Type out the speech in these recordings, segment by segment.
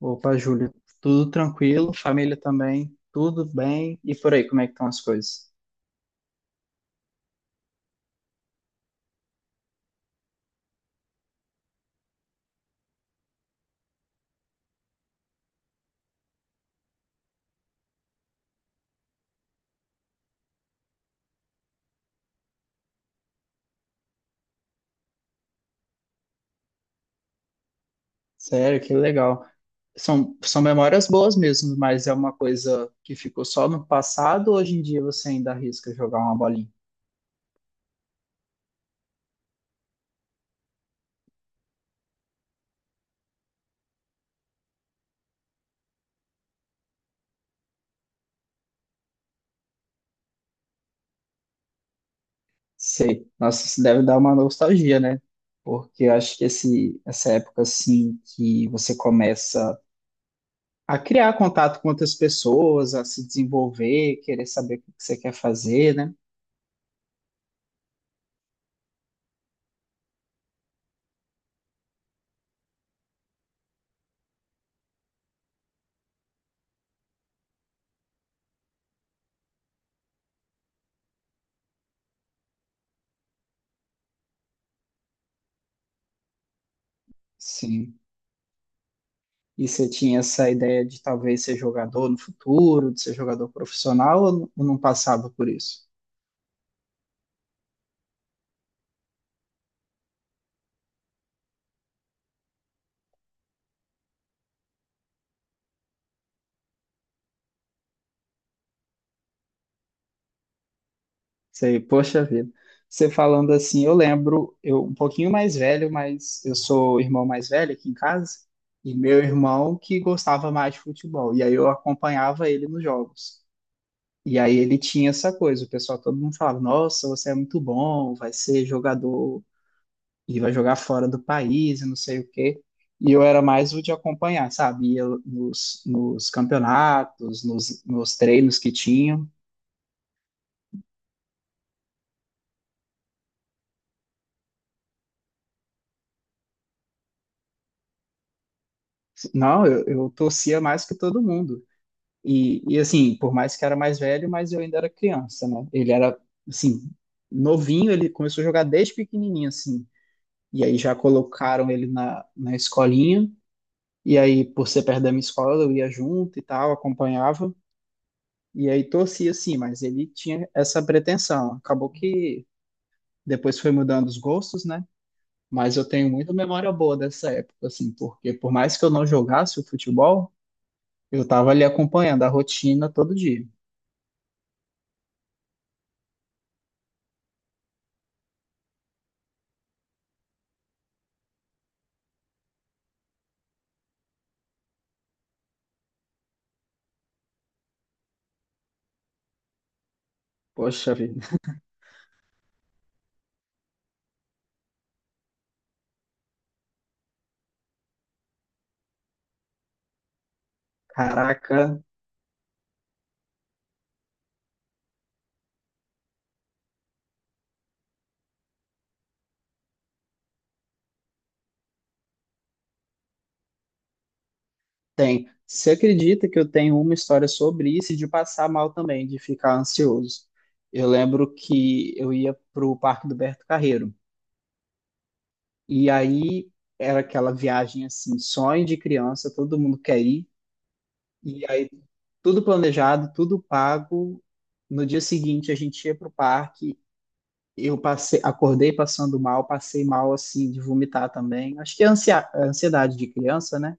Opa, Júlia, tudo tranquilo, família também, tudo bem. E por aí, como é que estão as coisas? Sério, que legal. São memórias boas mesmo, mas é uma coisa que ficou só no passado, ou hoje em dia você ainda arrisca jogar uma bolinha? Sei. Nossa, isso deve dar uma nostalgia, né? Porque eu acho que essa época, assim, que você começa a criar contato com outras pessoas, a se desenvolver, querer saber o que você quer fazer, né? Sim. E você tinha essa ideia de talvez ser jogador no futuro, de ser jogador profissional, ou não passava por isso? Você, poxa vida. Você falando assim, eu lembro, eu um pouquinho mais velho, mas eu sou irmão mais velho aqui em casa, e meu irmão que gostava mais de futebol, e aí eu acompanhava ele nos jogos. E aí ele tinha essa coisa, o pessoal todo mundo falava, nossa, você é muito bom, vai ser jogador e vai jogar fora do país e não sei o quê. E eu era mais o de acompanhar, sabe? Ia nos campeonatos, nos treinos que tinham. Não, eu torcia mais que todo mundo. E assim, por mais que era mais velho, mas eu ainda era criança, né? Ele era, assim, novinho, ele começou a jogar desde pequenininho, assim. E aí já colocaram ele na escolinha. E aí, por ser perto da minha escola, eu ia junto e tal, acompanhava. E aí torcia sim, mas ele tinha essa pretensão. Acabou que depois foi mudando os gostos, né? Mas eu tenho muita memória boa dessa época, assim, porque por mais que eu não jogasse o futebol, eu tava ali acompanhando a rotina todo dia. Poxa vida, caraca, tem. Você acredita que eu tenho uma história sobre isso e de passar mal também, de ficar ansioso? Eu lembro que eu ia pro Parque do Berto Carreiro, e aí era aquela viagem, assim, sonho de criança, todo mundo quer ir. E aí, tudo planejado, tudo pago. No dia seguinte, a gente ia pro parque. Eu passei, acordei passando mal, passei mal assim de vomitar também. Acho que é ansiedade de criança, né?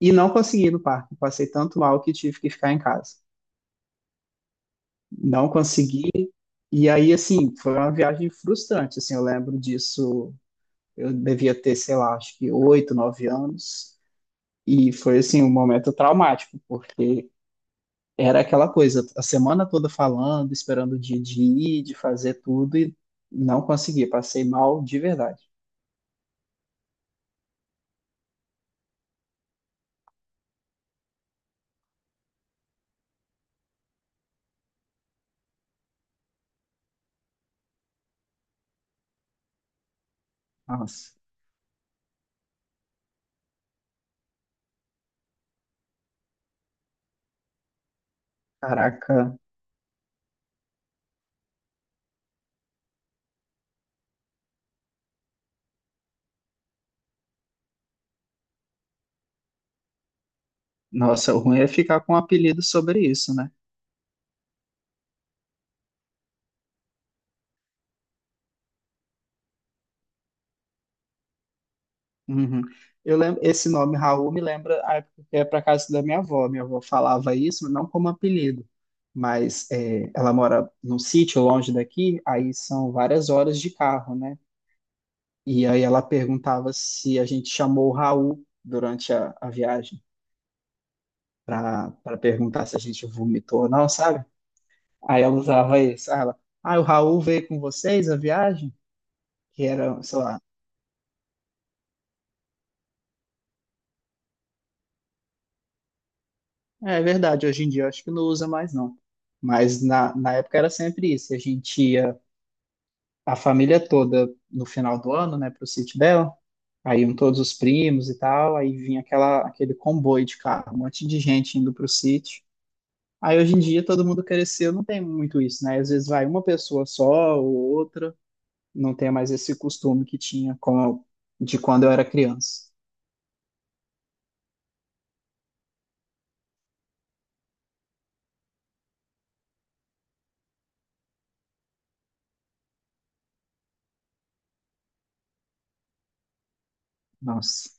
E não consegui ir no parque. Passei tanto mal que tive que ficar em casa. Não consegui. E aí, assim, foi uma viagem frustrante. Assim, eu lembro disso. Eu devia ter, sei lá, acho que oito, nove anos. E foi assim um momento traumático, porque era aquela coisa, a semana toda falando, esperando o dia de ir, de fazer tudo e não consegui, passei mal de verdade. Nossa, caraca, nossa, o ruim é ficar com um apelido sobre isso, né? Uhum. Eu lembro, esse nome Raul me lembra a época que é para casa da minha avó. Minha avó falava isso, não como apelido, mas é, ela mora num sítio longe daqui, aí são várias horas de carro, né? E aí ela perguntava se a gente chamou o Raul durante a viagem, pra, pra perguntar se a gente vomitou ou não, sabe? Aí ela usava isso. Aí ela, ah, o Raul veio com vocês a viagem? Que era, sei lá. É verdade, hoje em dia eu acho que não usa mais, não. Mas na época era sempre isso. A gente ia, a família toda, no final do ano, né, pro sítio dela. Aí iam todos os primos e tal. Aí vinha aquela, aquele comboio de carro, um monte de gente indo pro sítio. Aí hoje em dia todo mundo cresceu, não tem muito isso, né? Às vezes vai uma pessoa só ou outra. Não tenha mais esse costume que tinha com, de quando eu era criança. Nossa,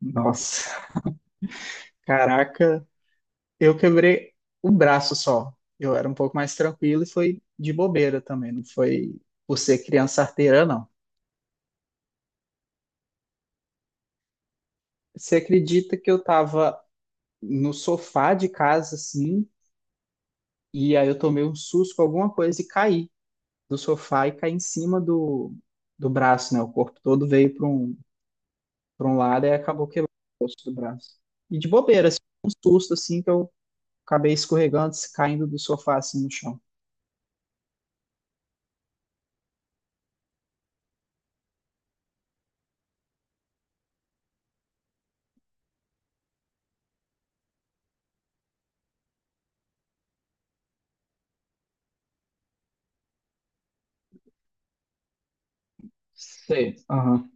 nossa, caraca, eu quebrei o braço só. Eu era um pouco mais tranquilo e foi de bobeira também, não foi por ser criança arteira, não. Você acredita que eu tava no sofá de casa, assim, e aí eu tomei um susto com alguma coisa e caí do sofá e caí em cima do braço, né? O corpo todo veio para um lado e acabou quebrando o osso do braço. E de bobeira, assim, um susto assim que eu acabei escorregando, caindo do sofá assim no chão. Sei. Aham.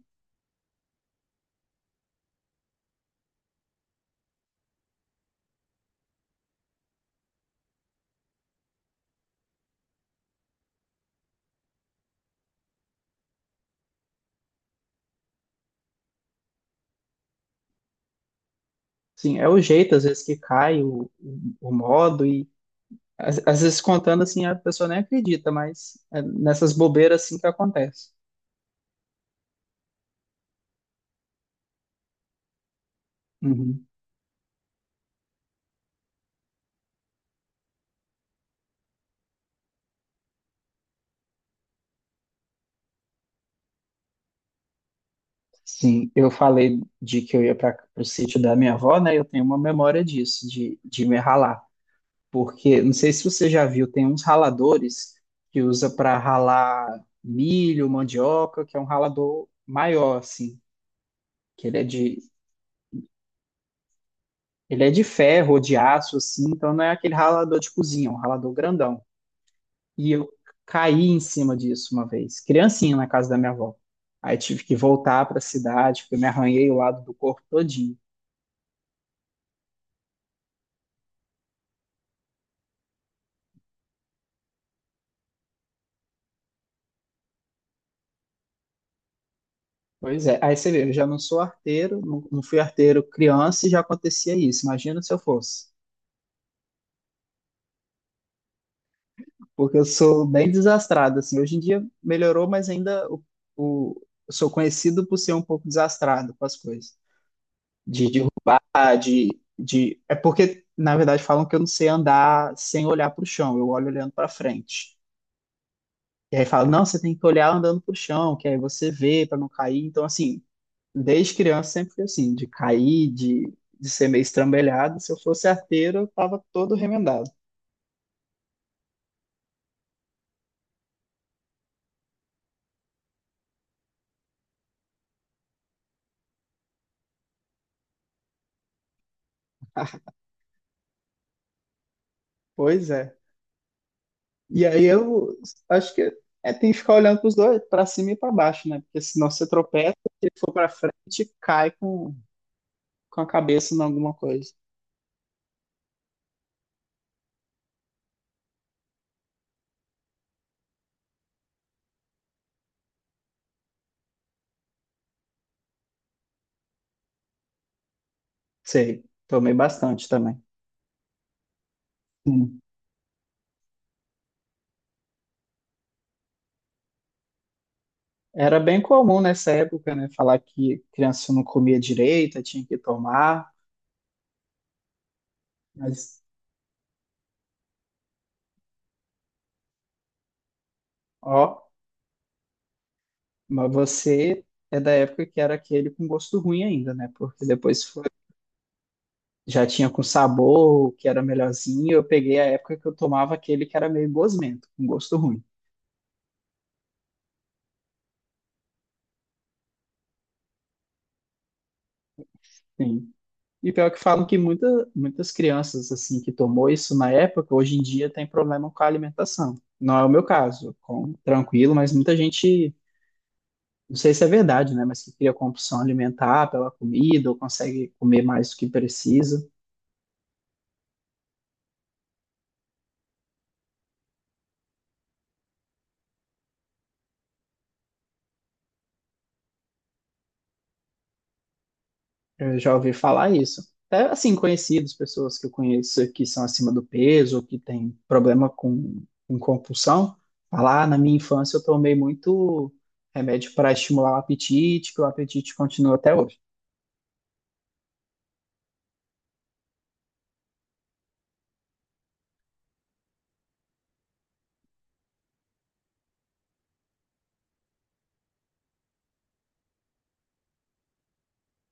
Sim, é o jeito, às vezes, que cai o modo, e às vezes contando assim, a pessoa nem acredita, mas é nessas bobeiras assim que acontece. Uhum. Sim, eu falei de que eu ia para o sítio da minha avó, né? Eu tenho uma memória disso, de me ralar, porque não sei se você já viu, tem uns raladores que usa para ralar milho, mandioca, que é um ralador maior assim, que ele é de ferro ou de aço assim, então não é aquele ralador de cozinha, é um ralador grandão. E eu caí em cima disso uma vez, criancinha na casa da minha avó. Aí tive que voltar para a cidade, porque eu me arranhei o lado do corpo todinho. Pois é, aí você vê, eu já não sou arteiro, não, não fui arteiro criança e já acontecia isso. Imagina se eu fosse. Porque eu sou bem desastrado, assim. Hoje em dia melhorou, mas eu sou conhecido por ser um pouco desastrado com as coisas. De derrubar, de. É porque, na verdade, falam que eu não sei andar sem olhar para o chão, eu olho olhando para frente. E aí falam, não, você tem que olhar andando para o chão, que aí você vê para não cair. Então, assim, desde criança sempre fui assim, de cair, de ser meio estrambelhado. Se eu fosse arteiro, eu tava todo remendado. Pois é. E aí eu acho que é, tem que ficar olhando para os dois, para cima e para baixo, né? Porque senão você tropeça, se for para frente, cai com a cabeça em alguma coisa. Sei, tomei bastante também. Hum. Era bem comum nessa época, né? Falar que criança não comia direito, tinha que tomar. Mas, ó, mas você é da época que era aquele com gosto ruim ainda, né? Porque depois foi, já tinha com sabor, que era melhorzinho. Eu peguei a época que eu tomava aquele que era meio gosmento, com gosto ruim. Sim. E pior que falam que muitas crianças assim que tomou isso na época, hoje em dia tem problema com a alimentação. Não é o meu caso, com, tranquilo, mas muita gente, não sei se é verdade, né, mas que cria compulsão alimentar pela comida ou consegue comer mais do que precisa. Eu já ouvi falar isso. Até assim, conhecidos, pessoas que eu conheço que são acima do peso ou que têm problema com compulsão, falar, "Ah, na minha infância eu tomei muito remédio para estimular o apetite, que o apetite continua até hoje."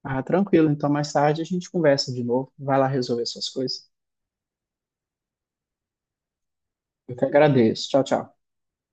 Ah, tranquilo. Então, mais tarde a gente conversa de novo. Vai lá resolver suas coisas. Eu que agradeço. Tchau, tchau.